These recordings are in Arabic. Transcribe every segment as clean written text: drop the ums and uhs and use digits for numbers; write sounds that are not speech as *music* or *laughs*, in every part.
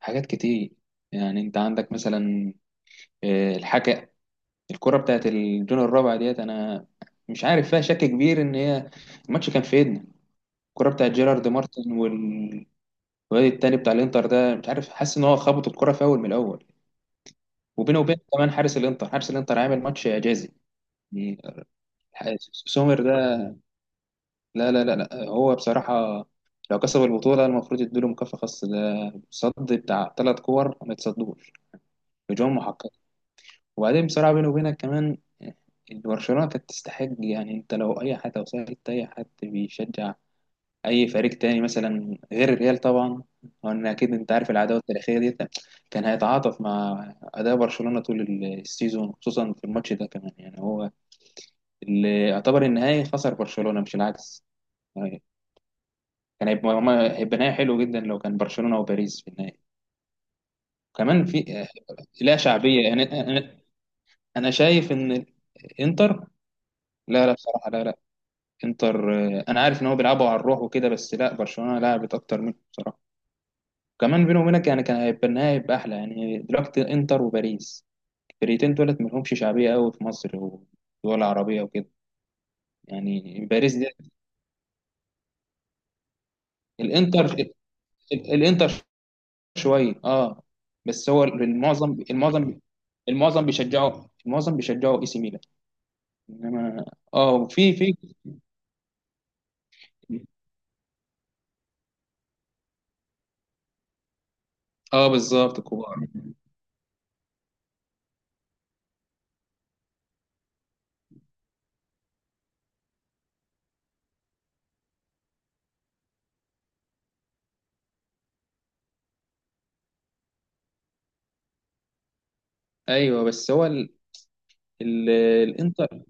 حاجات كتير. يعني انت عندك مثلا، الحكا. الكرة بتاعت الجون الرابع ديت، انا مش عارف، فيها شك كبير ان هي الماتش كان في ايدنا. الكرة بتاعت جيرارد مارتن والواد التاني بتاع الانتر ده، مش عارف، حاسس ان هو خبط الكرة في اول من الاول، وبينه وبين كمان حارس الانتر عامل ماتش اعجازي يعني. سومر ده، لا لا لا لا، هو بصراحة لو كسب البطولة المفروض يديله مكافأة خاصة. ده صد بتاع 3 كور ما يتصدوش، هجوم محقق. وبعدين بصراحة بيني وبينك كمان، إن برشلونة كانت تستحق. يعني انت لو اي حد، او سألت اي حد بيشجع اي فريق تاني مثلا غير الريال طبعا، وان اكيد انت عارف العداوة التاريخية دي، كان هيتعاطف مع اداء برشلونة طول السيزون، خصوصا في الماتش ده كمان. يعني هو اللي يعتبر النهائي خسر برشلونة مش العكس يعني. كان هيبقى هيبقى نهائي حلو جدا لو كان برشلونة وباريس في النهائي كمان. في لا شعبية. يعني انا أنا شايف ان انتر، لا لا بصراحة لا لا، انتر، آه، انا عارف ان هو بيلعبوا على الروح وكده، بس لا، برشلونه لعبت اكتر منه بصراحه. كمان بيني وبينك، يعني كان هيبقى النهائي، هيبقى احلى. يعني دلوقتي انتر وباريس، الفرقتين دولت ملهمش شعبيه قوي في مصر ولا عربيه وكده يعني. باريس دي، الانتر، الانتر، شويه اه. بس هو المعظم بيشجعوا اي سي ميلان. انما، اه، في، اه، بالظبط، كبار. ايوه. بس هو الانتر،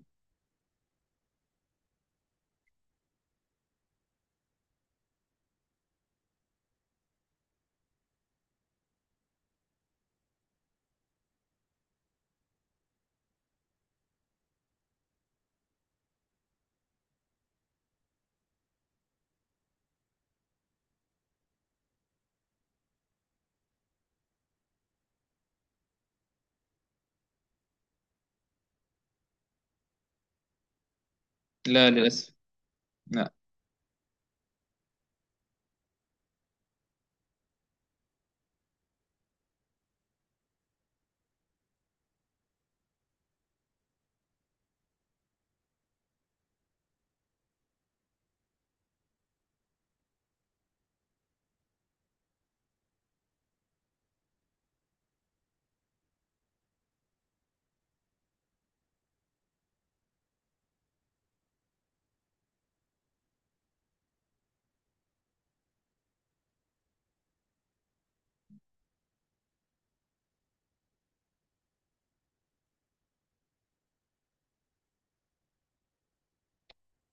لا للاسف، لا.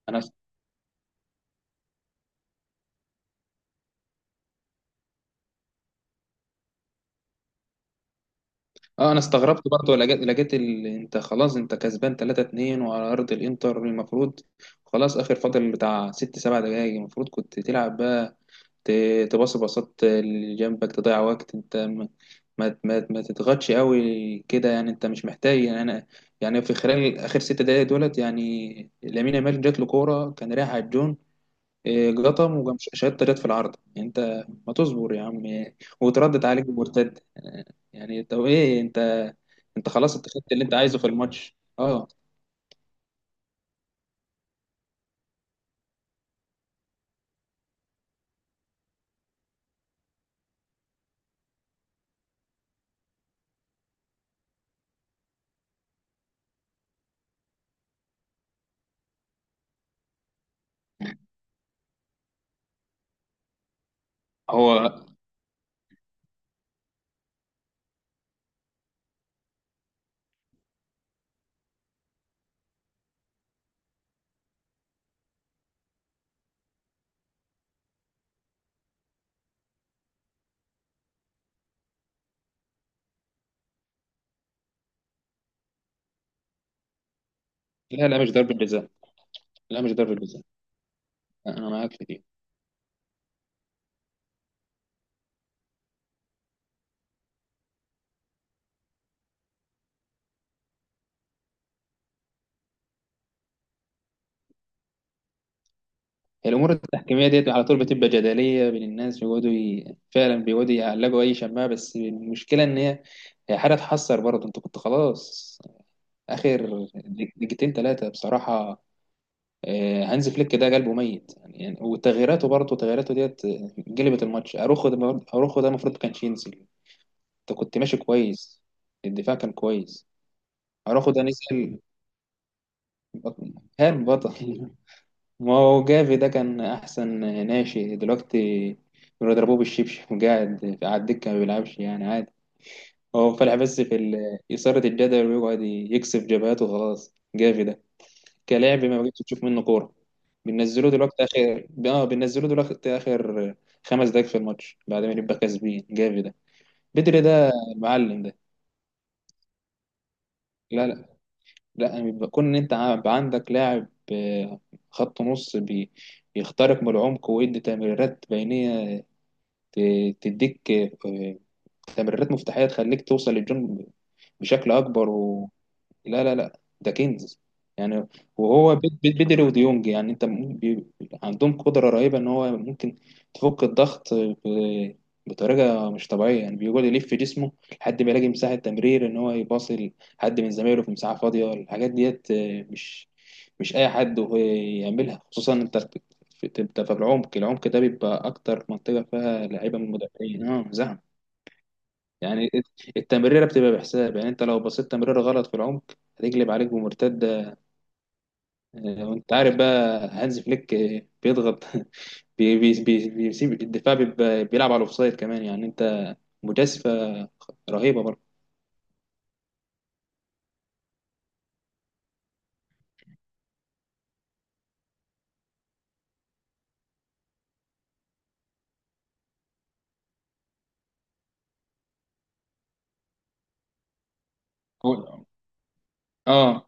انا اه انا استغربت برضه. لقيت انت خلاص، انت كسبان 3-2 وعلى ارض الانتر. المفروض خلاص، اخر فاضل بتاع 6 7 دقايق، المفروض كنت تلعب بقى، ت... تباصي باصات اللي جنبك، تضيع وقت. انت ما تضغطش قوي كده. يعني انت مش محتاج. يعني انا، يعني في خلال اخر 6 دقايق دولت، يعني لامين يامال جات له كوره كان رايح على الجون، إيه، جطم وجم شهادة رياض في العارضة. انت ما تصبر يا عم؟ إيه، وتردد عليك بمرتد. يعني طب ايه انت خلاص، انت خدت اللي انت عايزه في الماتش، اه. هو، لا لا، مش ضربة جزاء. لا، مش ضربة جزاء. انا معاك في دي. الامور التحكيميه ديت على طول بتبقى جدليه بين الناس، بيقعدوا فعلا بيقعدوا يعلقوا اي شماعه. بس المشكله ان هي حاجه تحسر برضه. انت كنت خلاص، اخر دقيقتين ثلاثه بصراحه. هانز فليك ده قلبه ميت يعني. وتغييراته، برضه تغييراته ديت، جلبت الماتش. اروخو ده، اروخو ده المفروض كانش ينزل. انت كنت ماشي كويس، الدفاع كان كويس. اروخو ده نزل بطل. كان بطل *laughs* ما هو جافي ده كان احسن. ناشئ دلوقتي بيضربوه بالشبشب، وقاعد على الدكه ما بيلعبش يعني عادي. هو فالح بس في إثارة الجدل، ويقعد يكسب جبهاته. خلاص جافي ده كلاعب، ما بقتش تشوف منه كوره. بننزله دلوقتي اخر 5 دقايق في الماتش، بعد ما نبقى كاسبين. جافي ده، بدري ده، المعلم ده، لا لا لا. يعني بيبقى كون ان انت عندك لاعب، آه، خط نص، بيخترق من العمق ويدي تمريرات بينيه، تديك، آه، تمريرات مفتاحيه تخليك توصل للجون بشكل اكبر. لا لا لا، ده كنز يعني. وهو بدري وديونج يعني، انت عندهم قدرة رهيبة ان هو ممكن تفك الضغط بطريقة مش طبيعية. يعني بيقعد يلف في جسمه لحد ما يلاقي مساحة تمرير، ان هو يباصي لحد من زمايله في مساحة فاضية. الحاجات ديت، مش اي حد هو يعملها. خصوصا انت انت في العمق. العمق ده بيبقى اكتر منطقة فيها لعيبة من المدافعين، اه، زحمة يعني. التمريره بتبقى بحساب. يعني انت لو بصيت تمريره غلط في العمق، هتقلب عليك بمرتده. وانت عارف بقى هانز فليك بيضغط *laughs* بي بي بي بيسيب الدفاع، بيلعب على الاوفسايد كمان. يعني انت، مجازفه رهيبه برضه. هو- اه،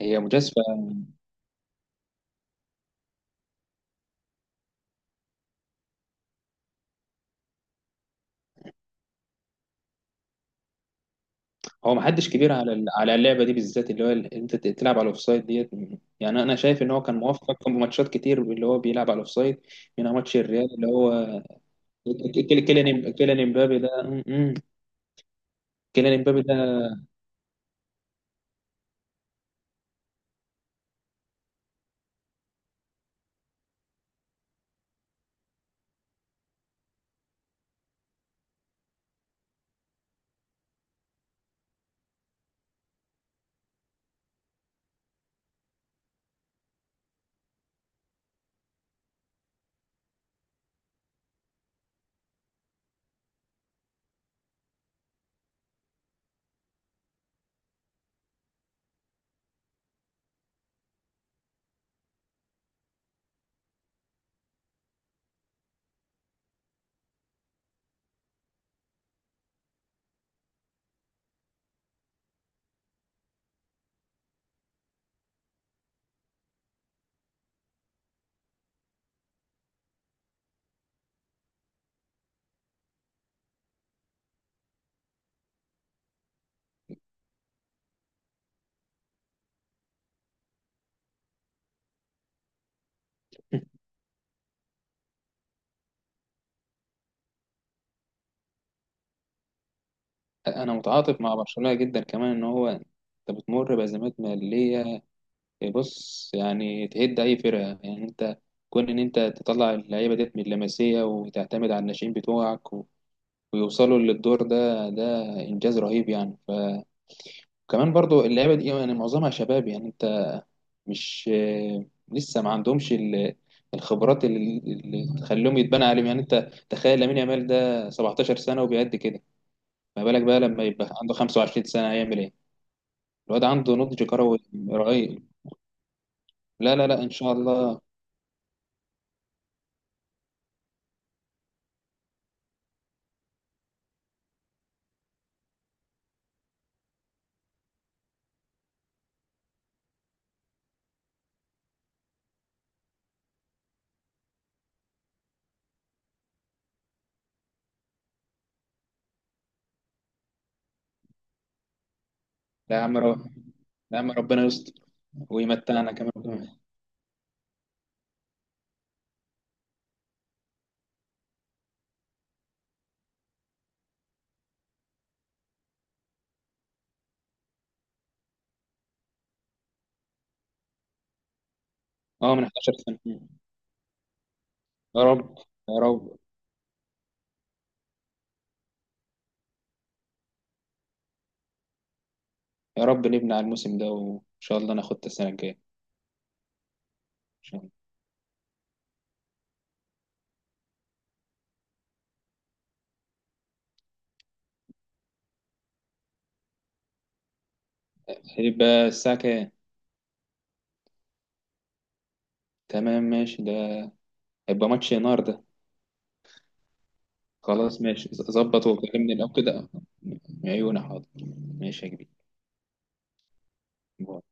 هي مجازفه. هو ما حدش كبير على على اللعبه دي بالذات، اللي هو انت تلعب على الاوفسايد ديت. يعني انا شايف ان هو كان موفق في ماتشات كتير اللي هو بيلعب على الاوفسايد، منها ماتش الريال اللي هو ك- ك- كيليان امبابي ده كيليان امبابي ده *laughs* انا متعاطف مع برشلونه جدا، كمان ان هو انت بتمر بازمات ماليه. بص يعني، تهد اي فرقه. يعني انت كون ان انت تطلع اللعيبه ديت من اللمسيه وتعتمد على الناشئين بتوعك ويوصلوا للدور ده، ده انجاز رهيب يعني. فكمان برضو اللعيبه دي يعني معظمها شباب. يعني انت مش *hesitation* لسه ما عندهمش الخبرات اللي تخليهم يتبنى عليهم. يعني انت تخيل، لامين يامال ده 17 سنه وبيأدي كده، ما بالك بقى لما يبقى عنده 25 سنه هيعمل ايه؟ الواد عنده نضج كروي رهيب. لا لا لا ان شاء الله. لا يا عم، لا يا عم، ربنا يستر. ويمتعنا كمان اه، من 11 سنة. يا رب، يا رب. يا رب نبني على الموسم ده، وان شاء الله ناخد السنة الجاية، ان شاء الله. هيبقى الساعة كام؟ تمام ماشي ده. هيبقى ماتش نار ده. خلاص ماشي، ظبط وكلمني لو كده. عيوني، حاضر. ماشي يا كبير.